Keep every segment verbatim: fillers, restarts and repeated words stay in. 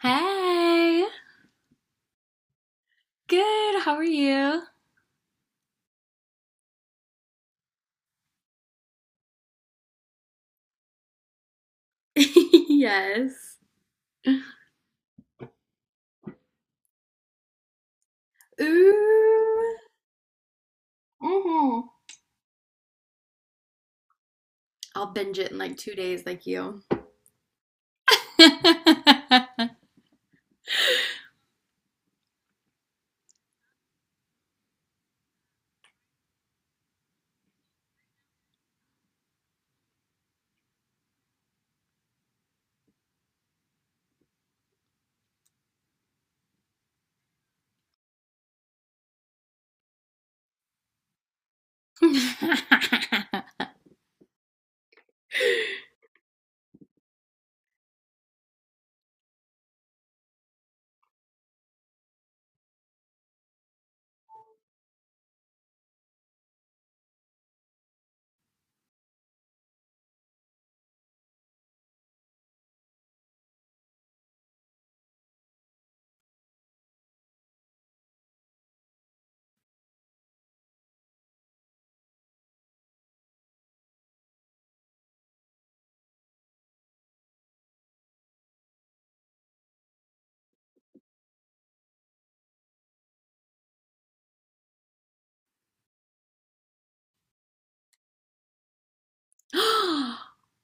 Hey, good. How are you? Yes. Ooh. Mm-hmm. I'll binge it in like two days, like you. And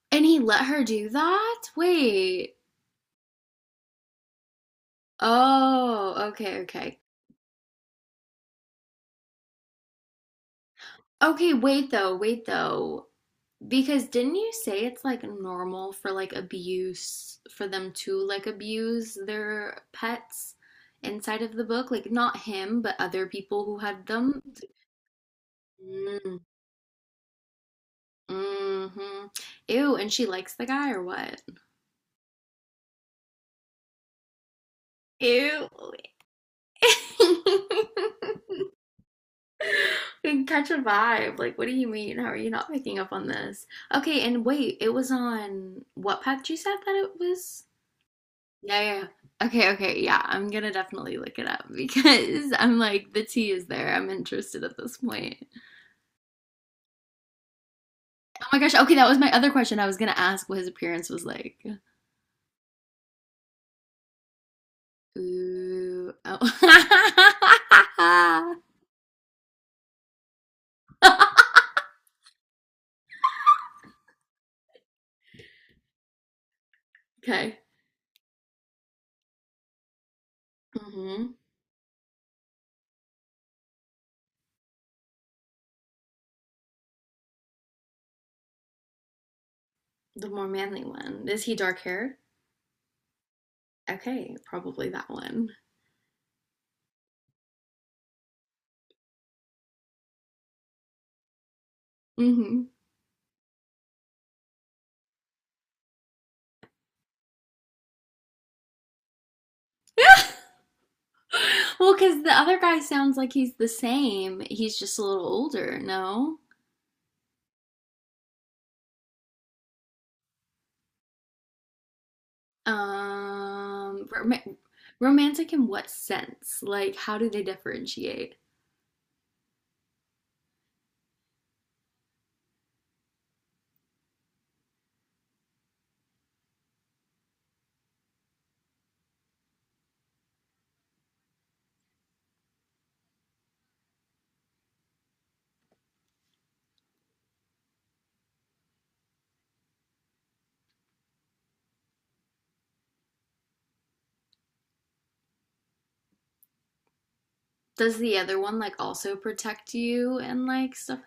he let her do that? Wait. Oh, okay, okay. Okay, wait though, wait though. Because didn't you say it's like normal for like abuse for them to like abuse their pets inside of the book? Like not him, but other people who had them. Mm, hmm. Ew, and she likes the guy or what? Ew. Can catch a vibe. Like, what do you mean? How are you not picking up on this? Okay, and wait, it was on what path you said that it was? Yeah, yeah, yeah. Okay, okay. Yeah, I'm gonna definitely look it up because I'm like the tea is there. I'm interested at this point. Oh my gosh. Okay, that was my other question. I was gonna ask what his appearance was like. Ooh. Oh. Okay. Hmm. The more manly one. Is he dark haired? Okay, probably that one. Hmm. Well, because the other guy sounds like he's the same. He's just a little older, no? Um, rom- Romantic in what sense? Like, how do they differentiate? Does the other one like also protect you and like stuff?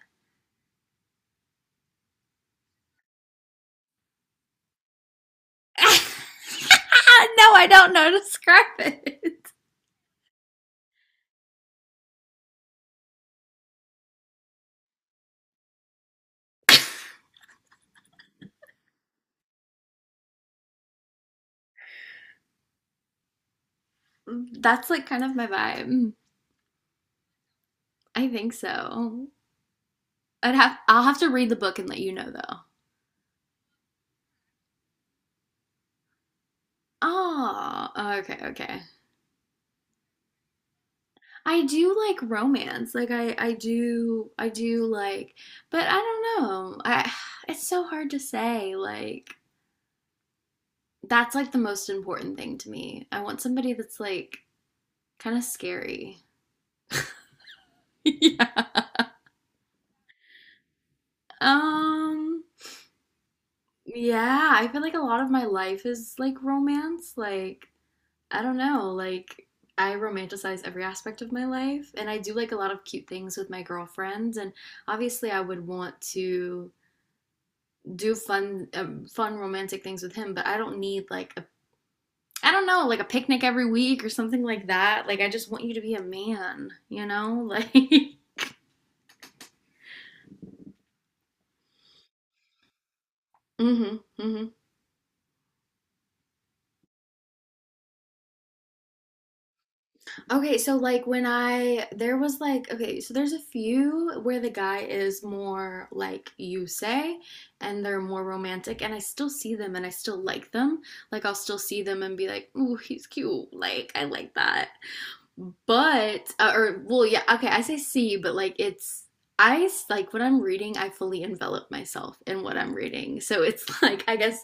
No, I don't know how to describe it. That's like kind of my vibe. I think so. I'd have I'll have to read the book and let you know though. Oh, okay, okay. I do like romance. Like I I do, I do like, but I don't know. I it's so hard to say like that's like the most important thing to me. I want somebody that's like kind of scary. Yeah. Um yeah, I feel like a lot of my life is like romance. Like I don't know, like I romanticize every aspect of my life and I do like a lot of cute things with my girlfriends and obviously I would want to do fun um, fun romantic things with him, but I don't need like a, I don't know, like a picnic every week or something like that. Like I just want you to be a man, you know? Like Mhm. Mhm. Okay, so like when I, there was like, okay, so there's a few where the guy is more like you say, and they're more romantic and I still see them and I still like them. Like I'll still see them and be like, "Ooh, he's cute." Like I like that. But uh, or well, yeah, okay, I say see, but like it's, I s- like when I'm reading, I fully envelop myself in what I'm reading. So it's like I guess.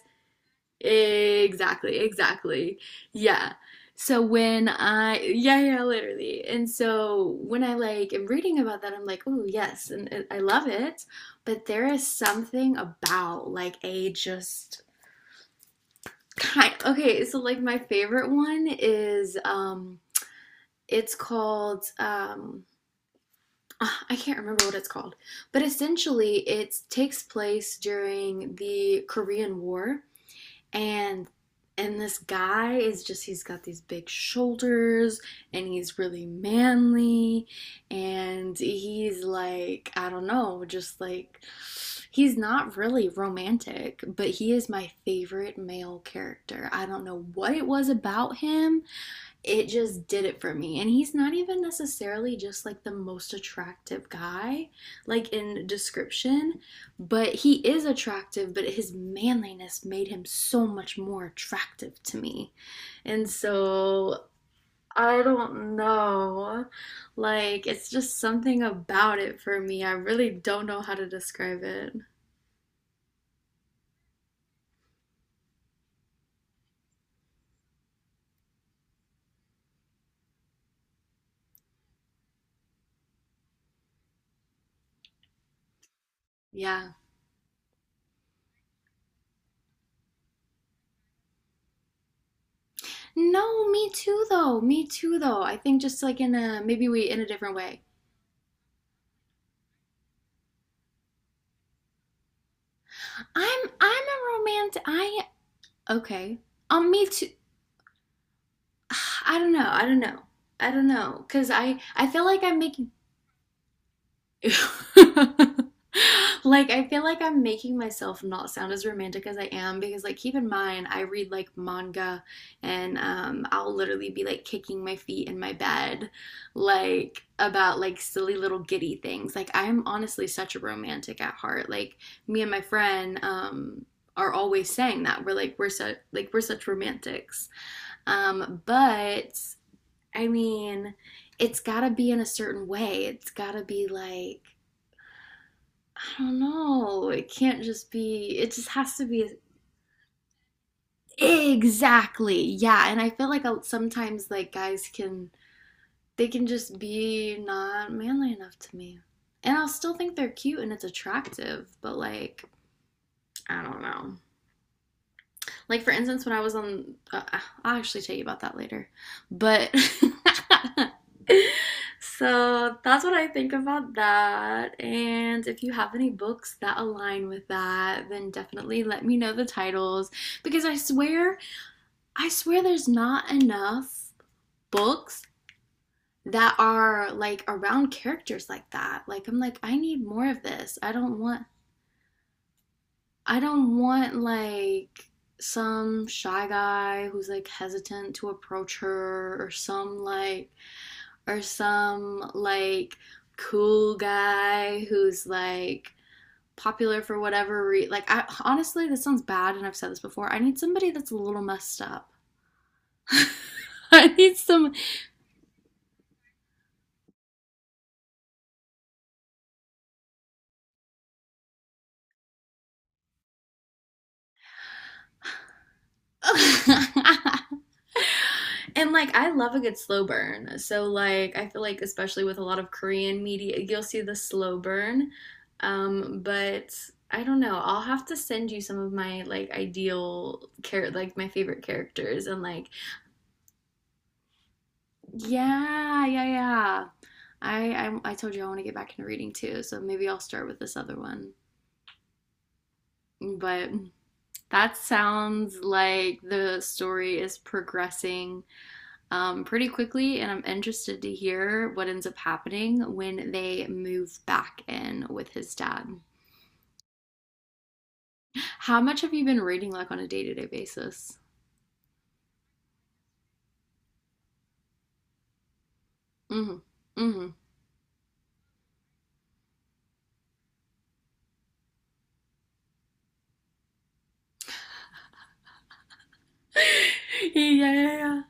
Exactly, exactly. Yeah. So when I, yeah, yeah, literally. And so when I like am reading about that, I'm like, oh, yes, and it, I love it. But there is something about like a just kind, okay, so like my favorite one is, um, it's called, um, ah, I can't remember what it's called, but essentially it takes place during the Korean War. and and this guy is just, he's got these big shoulders and he's really manly and he's like, I don't know, just like he's not really romantic, but he is my favorite male character. I don't know what it was about him, it just did it for me. And he's not even necessarily just like the most attractive guy, like in description, but he is attractive, but his manliness made him so much more attractive to me. And so I don't know. Like, it's just something about it for me. I really don't know how to describe it. Yeah. No, me too though. Me too though. I think just like in a, maybe we in a different way. I'm I'm a romantic, I, okay. Um, me too. I don't know. I don't know. I don't know. Cause I I feel like I'm making, like I feel like I'm making myself not sound as romantic as I am because like keep in mind I read like manga and um I'll literally be like kicking my feet in my bed like about like silly little giddy things. Like I'm honestly such a romantic at heart. Like me and my friend um are always saying that we're like, we're such, like we're such romantics. Um, but I mean, it's gotta be in a certain way. It's gotta be like, I don't know. It can't just be, it just has to be, exactly. Yeah. And I feel like uh, sometimes like guys can, they can just be not manly enough to me. And I'll still think they're cute and it's attractive, but like, I don't know. Like for instance, when I was on, uh, I'll actually tell you about that later. But so that's what I think about that. And if you have any books that align with that, then definitely let me know the titles because I swear, I swear, there's not enough books that are like around characters like that. Like I'm like I need more of this. I don't want, I don't want like some shy guy who's like hesitant to approach her, or some like, or some like cool guy who's like popular for whatever reason. Like I honestly, this sounds bad and I've said this before. I need somebody that's a little messed up. I need some and like I love a good slow burn. So like I feel like especially with a lot of Korean media, you'll see the slow burn. Um, but I don't know. I'll have to send you some of my like ideal char- like my favorite characters and like yeah, yeah, yeah. I I, I told you I want to get back into reading too, so maybe I'll start with this other one. But that sounds like the story is progressing, um, pretty quickly, and I'm interested to hear what ends up happening when they move back in with his dad. How much have you been reading like on a day to day basis? Mm-hmm. Mm-hmm. Yeah, yeah, yeah.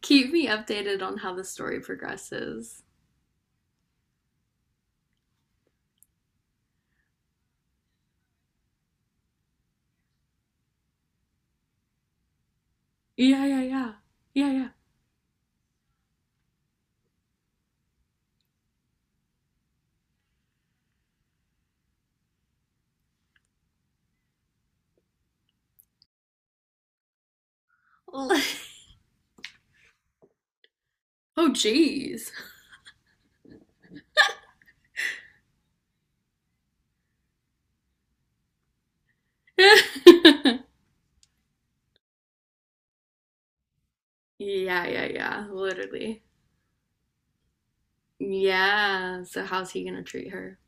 Keep me updated on how the story progresses. Yeah, yeah, yeah. Yeah, yeah. Oh, jeez. Yeah, yeah, yeah. Literally. Yeah. So how's he gonna treat her?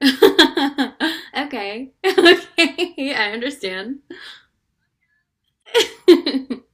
Okay. Okay. I understand.